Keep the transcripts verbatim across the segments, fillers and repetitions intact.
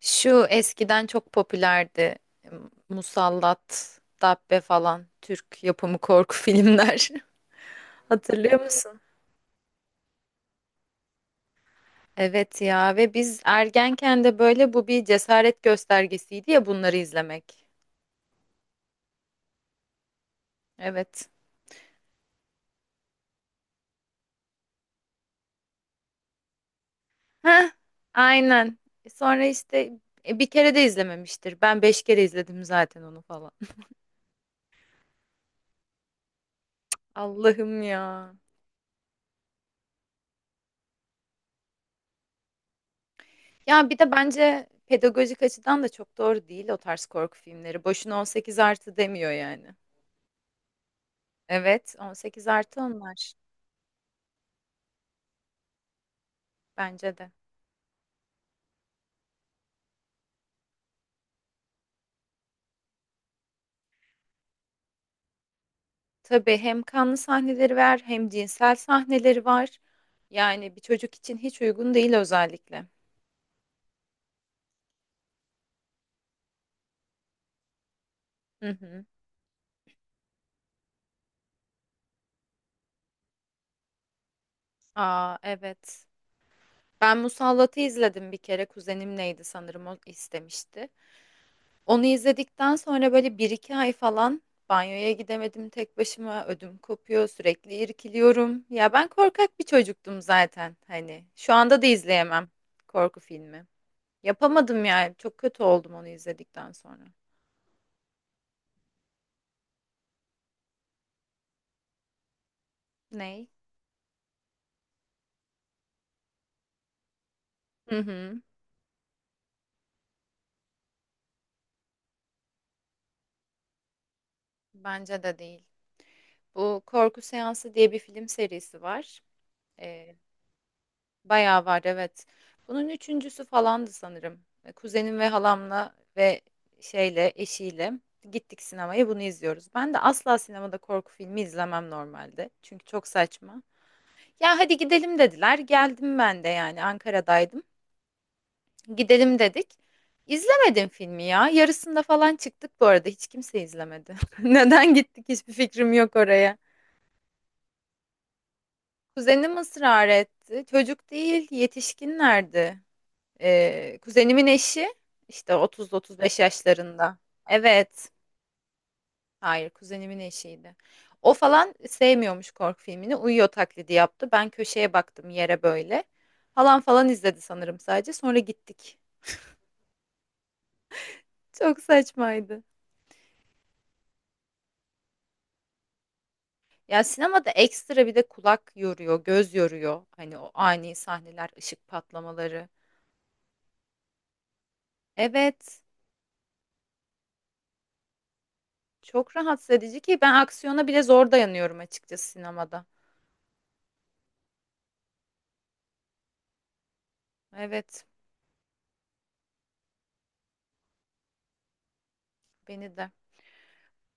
Şu eskiden çok popülerdi. Musallat, Dabbe falan Türk yapımı korku filmler. Hatırlıyor musun? Evet ya ve biz ergenken de böyle bu bir cesaret göstergesiydi ya bunları izlemek. Evet. Heh, aynen. E, Sonra işte e, bir kere de izlememiştir. Ben beş kere izledim zaten onu falan. Allah'ım ya. Ya bir de bence pedagojik açıdan da çok doğru değil o tarz korku filmleri. Boşuna on sekiz artı demiyor yani. Evet, on sekiz artı onlar bence de. Tabii hem kanlı sahneleri var hem cinsel sahneleri var. Yani bir çocuk için hiç uygun değil özellikle. Hı hı. Aa evet. Ben Musallat'ı izledim bir kere. Kuzenim neydi sanırım o istemişti. Onu izledikten sonra böyle bir iki ay falan banyoya gidemedim tek başıma. Ödüm kopuyor, sürekli irkiliyorum. Ya ben korkak bir çocuktum zaten hani. Şu anda da izleyemem korku filmi. Yapamadım yani. Çok kötü oldum onu izledikten sonra. Ney? Hı hı. Bence de değil. Bu Korku Seansı diye bir film serisi var. Ee, bayağı var evet. Bunun üçüncüsü falandı sanırım. Ee, Kuzenim ve halamla ve şeyle eşiyle gittik sinemaya bunu izliyoruz. Ben de asla sinemada korku filmi izlemem normalde. Çünkü çok saçma. Ya hadi gidelim dediler. Geldim ben de yani Ankara'daydım. Gidelim dedik. İzlemedim filmi ya. Yarısında falan çıktık bu arada. Hiç kimse izlemedi. Neden gittik hiçbir fikrim yok oraya. Kuzenim ısrar etti. Çocuk değil, yetişkinlerdi. Ee, kuzenimin eşi işte otuz otuz beş yaşlarında. Evet. Hayır, kuzenimin eşiydi. O falan sevmiyormuş korku filmini. Uyuyor taklidi yaptı. Ben köşeye baktım yere böyle. Halan falan izledi sanırım sadece. Sonra gittik. Çok saçmaydı. Ya sinemada ekstra bir de kulak yoruyor, göz yoruyor. Hani o ani sahneler, ışık patlamaları. Evet, çok rahatsız edici ki ben aksiyona bile zor dayanıyorum açıkçası sinemada. Evet, beni de.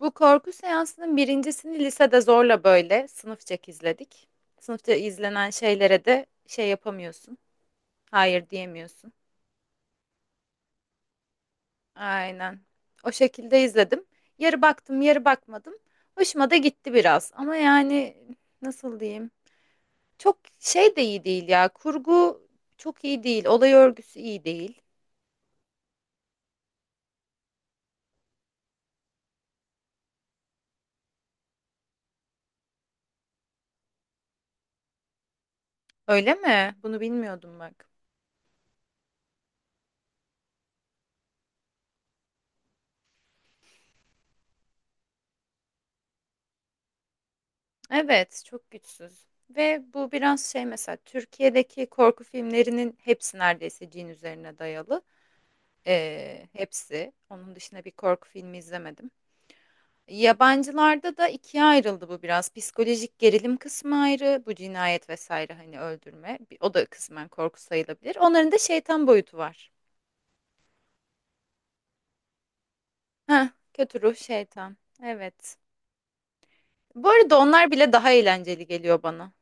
Bu korku seansının birincisini lisede zorla böyle sınıfçak izledik. Sınıfta izlenen şeylere de şey yapamıyorsun. Hayır diyemiyorsun. Aynen. O şekilde izledim. Yarı baktım, yarı bakmadım. Hoşuma da gitti biraz. Ama yani nasıl diyeyim? Çok şey de iyi değil ya. Kurgu çok iyi değil. Olay örgüsü iyi değil. Öyle mi? Bunu bilmiyordum bak. Evet, çok güçsüz. Ve bu biraz şey mesela Türkiye'deki korku filmlerinin hepsi neredeyse cin üzerine dayalı. Ee, hepsi. Onun dışında bir korku filmi izlemedim. Yabancılarda da ikiye ayrıldı bu biraz. Psikolojik gerilim kısmı ayrı, bu cinayet vesaire hani öldürme. Bir- O da kısmen korku sayılabilir. Onların da şeytan boyutu var. Heh, kötü ruh şeytan. Evet. Bu arada onlar bile daha eğlenceli geliyor bana.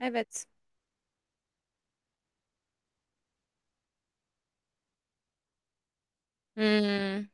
Evet. Hmm,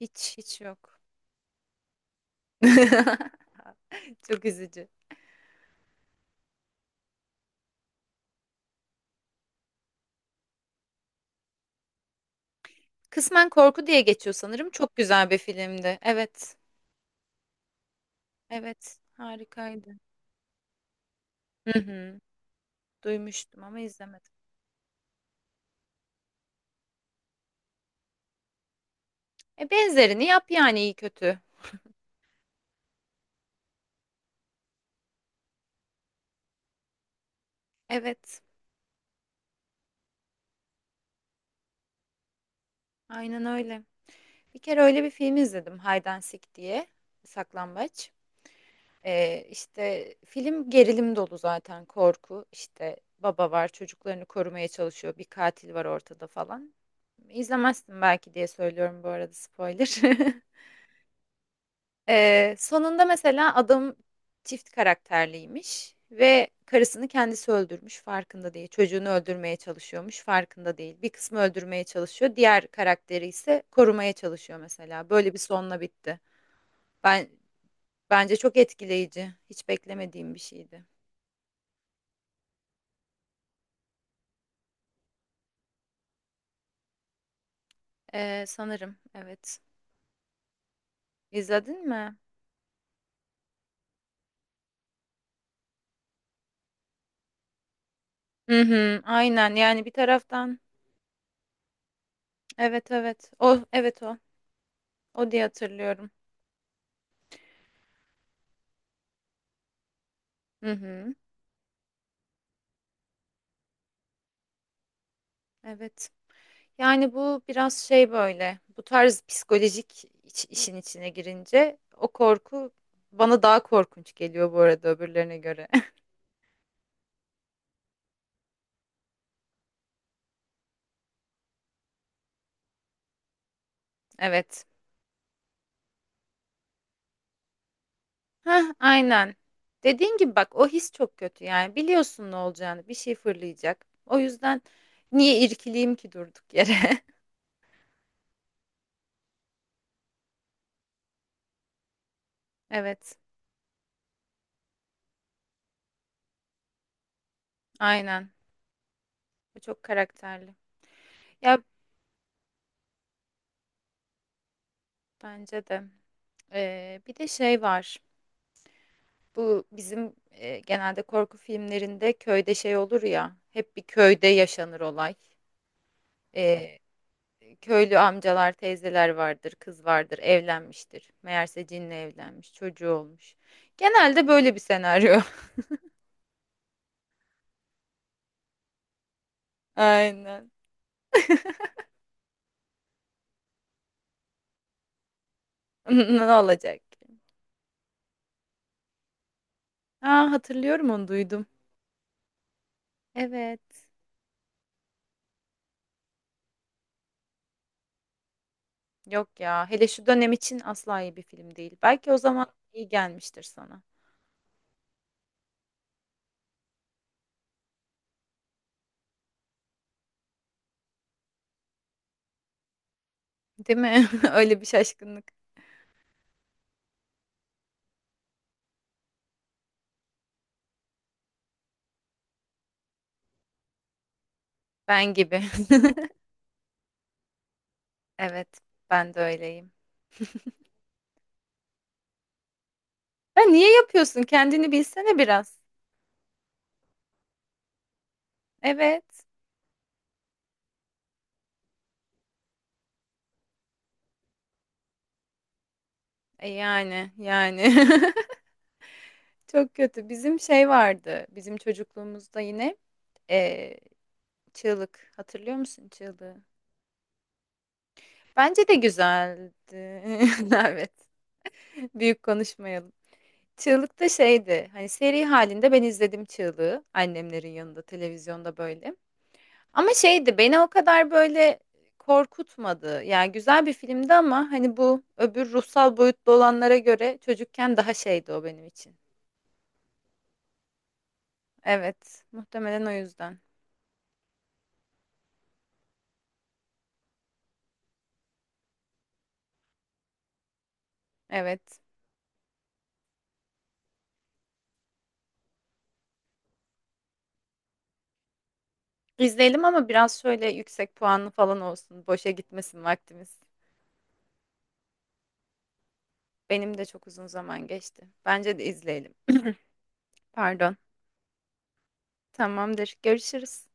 hiç hiç yok. Çok üzücü. Kısmen korku diye geçiyor sanırım. Çok güzel bir filmdi. Evet. Evet. Harikaydı. Hı hı. Duymuştum ama izlemedim. E benzerini yap yani iyi kötü. Evet. Aynen öyle. Bir kere öyle bir film izledim. Hide and Seek diye. Saklambaç. Eee, işte, film gerilim dolu zaten, korku. İşte baba var, çocuklarını korumaya çalışıyor, bir katil var ortada falan. İzlemezsin belki diye söylüyorum bu arada spoiler. Eee, sonunda mesela adam çift karakterliymiş ve karısını kendisi öldürmüş, farkında değil. Çocuğunu öldürmeye çalışıyormuş, farkında değil. Bir kısmı öldürmeye çalışıyor, diğer karakteri ise korumaya çalışıyor mesela. Böyle bir sonla bitti. Ben bence çok etkileyici. Hiç beklemediğim bir şeydi. Ee, sanırım evet. İzledin mi? Hı hı, aynen yani bir taraftan evet evet o evet o o diye hatırlıyorum. Hı hı, evet. Yani bu biraz şey böyle bu tarz psikolojik iç- işin içine girince o korku bana daha korkunç geliyor bu arada öbürlerine göre. Evet. Hah, aynen. Dediğin gibi bak o his çok kötü yani biliyorsun ne olacağını bir şey fırlayacak. O yüzden niye irkileyim ki durduk yere? Evet. Aynen. Bu Çok karakterli. Ya bence de. Ee, bir de şey var. Bu bizim e, genelde korku filmlerinde köyde şey olur ya. Hep bir köyde yaşanır olay. Ee, köylü amcalar, teyzeler vardır, kız vardır, evlenmiştir. Meğerse cinle evlenmiş, çocuğu olmuş. Genelde böyle bir senaryo. Aynen. Ne olacak? Ki? Aa, hatırlıyorum onu duydum. Evet. Yok ya. Hele şu dönem için asla iyi bir film değil. Belki o zaman iyi gelmiştir sana. Değil mi? Öyle bir şaşkınlık. Ben gibi. Evet, ben de öyleyim. Ya niye yapıyorsun? Kendini bilsene biraz. Evet. E yani, yani. Çok kötü. Bizim şey vardı. Bizim çocukluğumuzda yine e, çığlık. Hatırlıyor musun çığlığı? Bence de güzeldi. Evet. Büyük konuşmayalım. Çığlık da şeydi. Hani seri halinde ben izledim çığlığı. Annemlerin yanında televizyonda böyle. Ama şeydi beni o kadar böyle korkutmadı. Yani güzel bir filmdi ama hani bu öbür ruhsal boyutlu olanlara göre çocukken daha şeydi o benim için. Evet, muhtemelen o yüzden. Evet. İzleyelim ama biraz şöyle yüksek puanlı falan olsun. Boşa gitmesin vaktimiz. Benim de çok uzun zaman geçti. Bence de izleyelim. Pardon. Tamamdır. Görüşürüz.